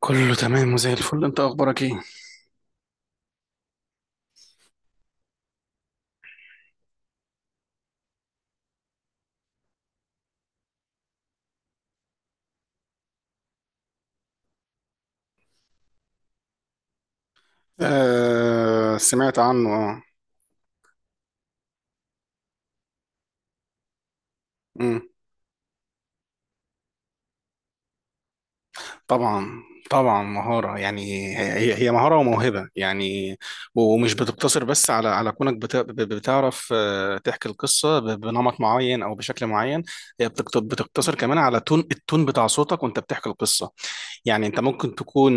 كله تمام وزي الفل، انت اخبارك ايه؟ آه، سمعت عنه، اه. مم. طبعا. طبعا مهارة يعني. هي مهارة وموهبة يعني. ومش بتقتصر بس على كونك بتعرف، تحكي القصة بنمط معين أو بشكل معين. هي بتقتصر كمان على التون بتاع صوتك وأنت بتحكي القصة. يعني انت ممكن تكون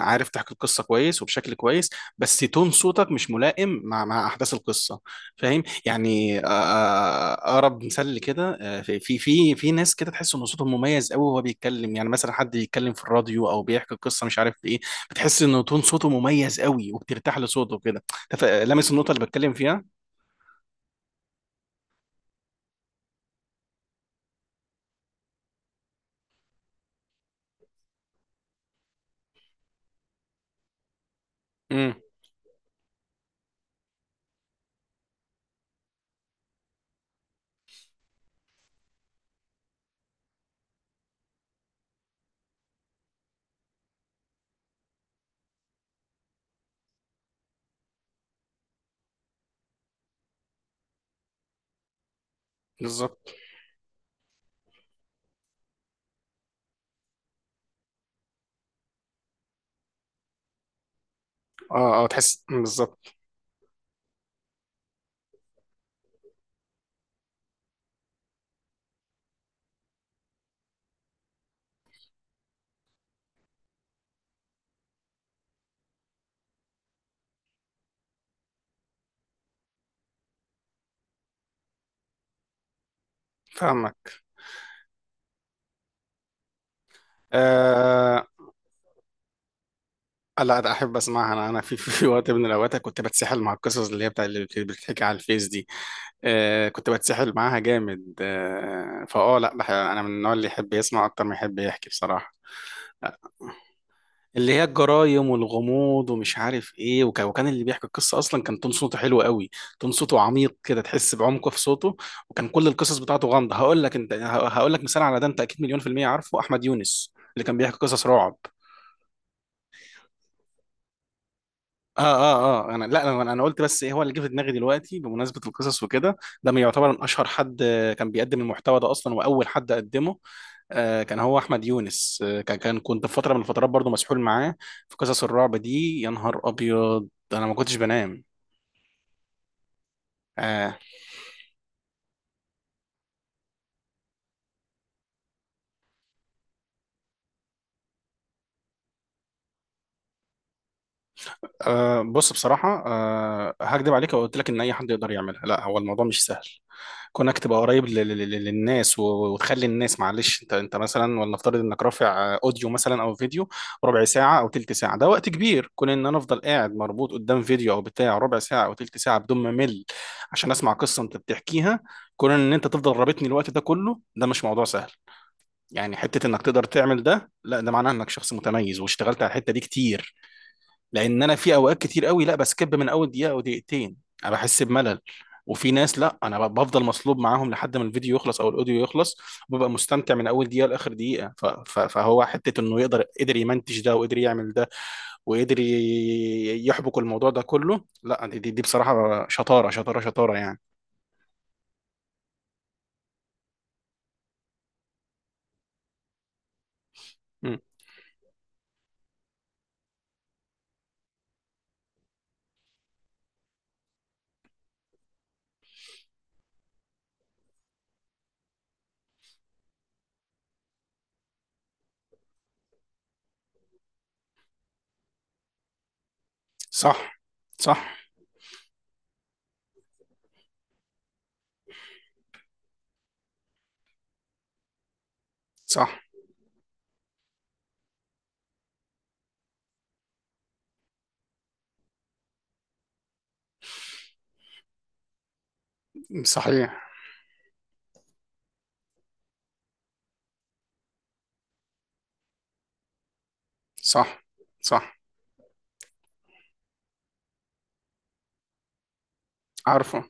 عارف تحكي القصه كويس وبشكل كويس، بس تون صوتك مش ملائم مع احداث القصه. فاهم يعني. اقرب مثال لكده، في ناس كده تحس ان صوتهم مميز قوي وهو بيتكلم، يعني مثلا حد بيتكلم في الراديو او بيحكي قصه مش عارف ايه. بتحس ان تون صوته مميز قوي وبترتاح لصوته كده. لامس النقطه اللي بتكلم فيها. امم. بالظبط. اه، اه، تحس. مم، بالظبط. فاهمك. آه. لا، ده احب اسمعها. انا في وقت من الاوقات كنت بتسحل مع القصص اللي هي بتاع اللي بتتحكي على الفيس دي. آه، كنت بتسحل معاها جامد. آه فاه لا، انا من النوع اللي يحب يسمع اكتر ما يحب يحكي بصراحه. آه، اللي هي الجرايم والغموض ومش عارف ايه. وكان اللي بيحكي القصه اصلا كان تون صوته حلو قوي. تون صوته عميق كده، تحس بعمقه في صوته. وكان كل القصص بتاعته غامضه. هقول لك انت هقول لك مثال على ده، انت اكيد مليون في الميه عارفه احمد يونس اللي كان بيحكي قصص رعب. اه، اه، اه. انا. لا، انا قلت بس ايه هو اللي جه في دماغي دلوقتي بمناسبه القصص وكده. ده من يعتبر من اشهر حد كان بيقدم المحتوى ده اصلا واول حد قدمه. كان هو احمد يونس. كان كان كنت في فتره من الفترات برضو مسحول معاه في قصص الرعب دي. يا نهار ابيض، انا ما كنتش بنام. آه. آه، بص. بصراحه، هكدب عليك لو قلت لك ان اي حد يقدر يعملها. لا، هو الموضوع مش سهل. كونك تبقى قريب للناس وتخلي الناس، معلش. انت مثلا ولنفترض انك رافع اوديو مثلا او فيديو ربع ساعه او تلت ساعه. ده وقت كبير، كون ان انا افضل قاعد مربوط قدام فيديو او بتاع ربع ساعه او تلت ساعه بدون ما امل عشان اسمع قصه انت بتحكيها. كون ان انت تفضل رابطني الوقت ده كله ده مش موضوع سهل. يعني حته انك تقدر تعمل ده، لا ده معناه انك شخص متميز واشتغلت على الحته دي كتير. لان انا في اوقات كتير قوي لا بسكب من اول دقيقه او دقيقتين. انا بحس بملل. وفي ناس لا انا بفضل مصلوب معاهم لحد ما الفيديو يخلص او الاوديو يخلص. وببقى مستمتع من اول دقيقه لاخر دقيقه. فهو حته انه يقدر قدر يمنتج ده وقدر يعمل ده وقدر يحبك الموضوع ده كله. لا دي بصراحه شطاره شطاره شطاره يعني. مم. صح. صح. صح. صحيح. صح. صح. عارفه.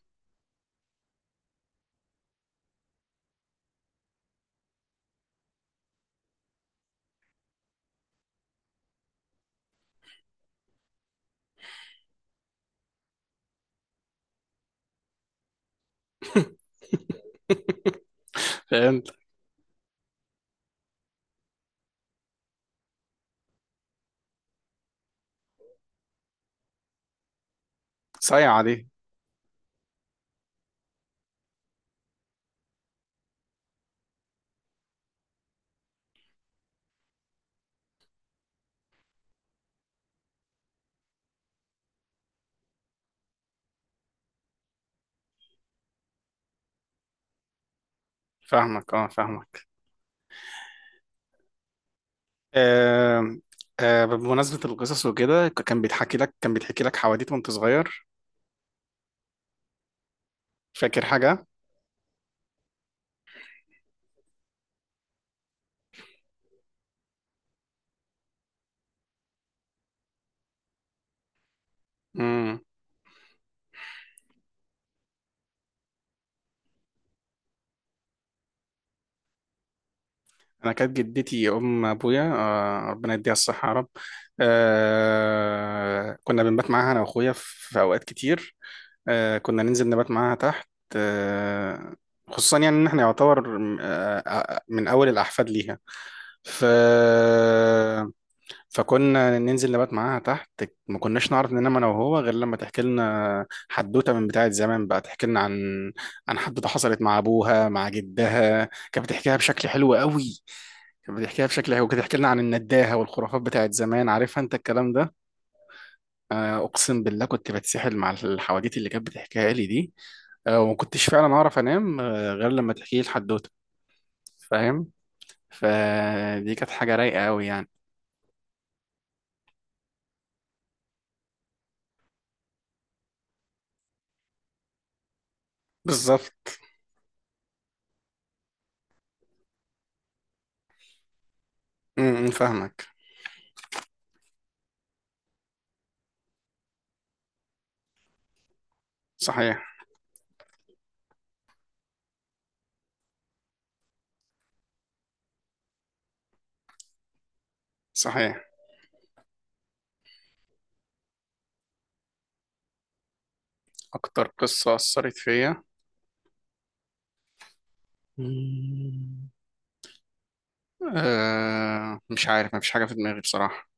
فهمت. صايعه دي. فاهمك، اه، فاهمك. آه. بمناسبة القصص وكده، كان بيتحكي لك حواديت وانت صغير؟ فاكر حاجة؟ مم. أنا كانت جدتي أم أبويا، ربنا يديها الصحة يا رب. آه، كنا بنبات معاها أنا وأخويا في أوقات كتير. آه، كنا ننزل نبات معاها تحت. آه. خصوصا يعني إن إحنا يعتبر، من أول الأحفاد ليها. ف فكنا ننزل نبات معاها تحت. ما كناش نعرف ننام انا وهو غير لما تحكي لنا حدوته من بتاعه زمان. بقى تحكي لنا عن حدوته حصلت مع ابوها مع جدها. كانت بتحكيها بشكل حلو قوي. كانت بتحكيها بشكل حلو. كانت بتحكي لنا عن النداهه والخرافات بتاعت زمان، عارفها انت الكلام ده. اقسم بالله كنت بتسحل مع الحواديت اللي كانت بتحكيها لي دي. وما كنتش فعلا اعرف انام غير لما تحكي لي الحدوته. فاهم. فدي كانت حاجه رايقه قوي يعني. بالظبط. م- م، فاهمك. صحيح. صحيح. أكتر قصة أثرت فيا. مم. مش عارف، مفيش حاجة في دماغي بصراحة.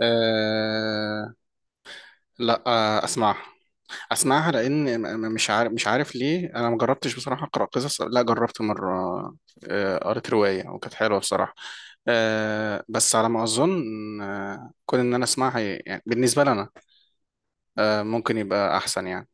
أه. لا، أه، أسمعها. أسمعها لأن مش عارف، مش عارف ليه. أنا ما جربتش بصراحة أقرأ قصص. لا، جربت مرة. قريت رواية وكانت حلوة بصراحة. أه، بس على ما أظن كون إن أنا أسمعها، يعني بالنسبة لنا، أه ممكن يبقى أحسن يعني.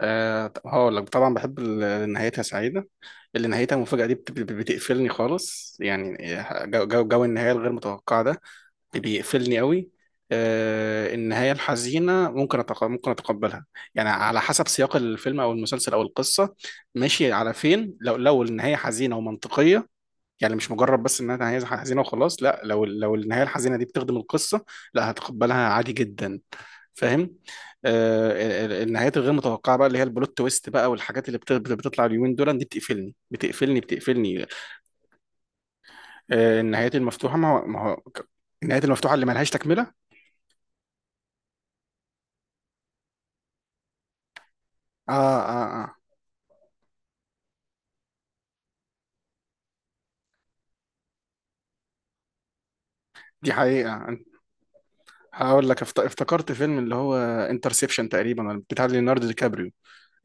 أه، هقول لك طبعا بحب نهايتها سعيدة. اللي نهايتها المفاجأة دي بتقفلني خالص يعني. جو النهاية الغير متوقعة ده بيقفلني قوي. النهاية الحزينة ممكن أتقبلها. يعني على حسب سياق الفيلم أو المسلسل أو القصة ماشي على فين. لو النهاية حزينة ومنطقية. يعني مش مجرد بس انها نهايه حزينه وخلاص. لا، لو النهايه الحزينه دي بتخدم القصه، لا هتقبلها عادي جدا. فاهم. آه. النهايات الغير متوقعه بقى اللي هي البلوت تويست بقى والحاجات اللي بتطلع اليومين دول، دي بتقفلني، بتقفلني، بتقفلني. آه، النهايات المفتوحه ما هو ما هو ك- النهايات المفتوحه اللي ملهاش تكمله. اه، اه، اه. دي حقيقه. هقول لك، افتكرت فيلم اللي هو انترسبشن تقريبا، بتاع ليوناردو دي كابريو،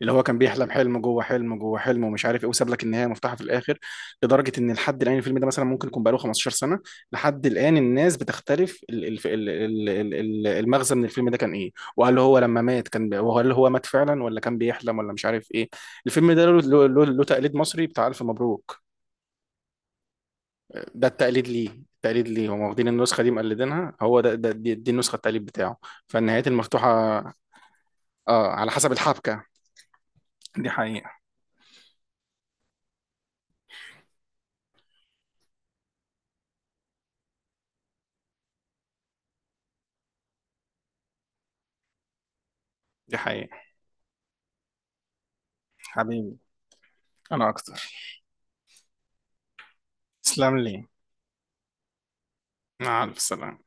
اللي هو كان بيحلم حلم جوه حلم جوه حلم ومش عارف ايه، وساب لك النهايه مفتوحه في الاخر. لدرجه ان لحد الان الفيلم ده مثلا ممكن يكون بقاله 15 سنه. لحد الان الناس بتختلف المغزى من الفيلم ده كان ايه، وهل هو لما مات كان، وهل هو مات فعلا ولا كان بيحلم ولا مش عارف ايه. الفيلم ده له، له تقليد مصري بتاع الف مبروك. ده التقليد ليه. التقليد ليه، هم واخدين النسخه دي مقلدينها. هو ده, ده دي, النسخه التقليد بتاعه. فالنهايات المفتوحه، اه، على حسب الحبكه. دي حقيقه. دي حقيقه. حبيبي، انا اكتر. تسلم لي. مع السلامة.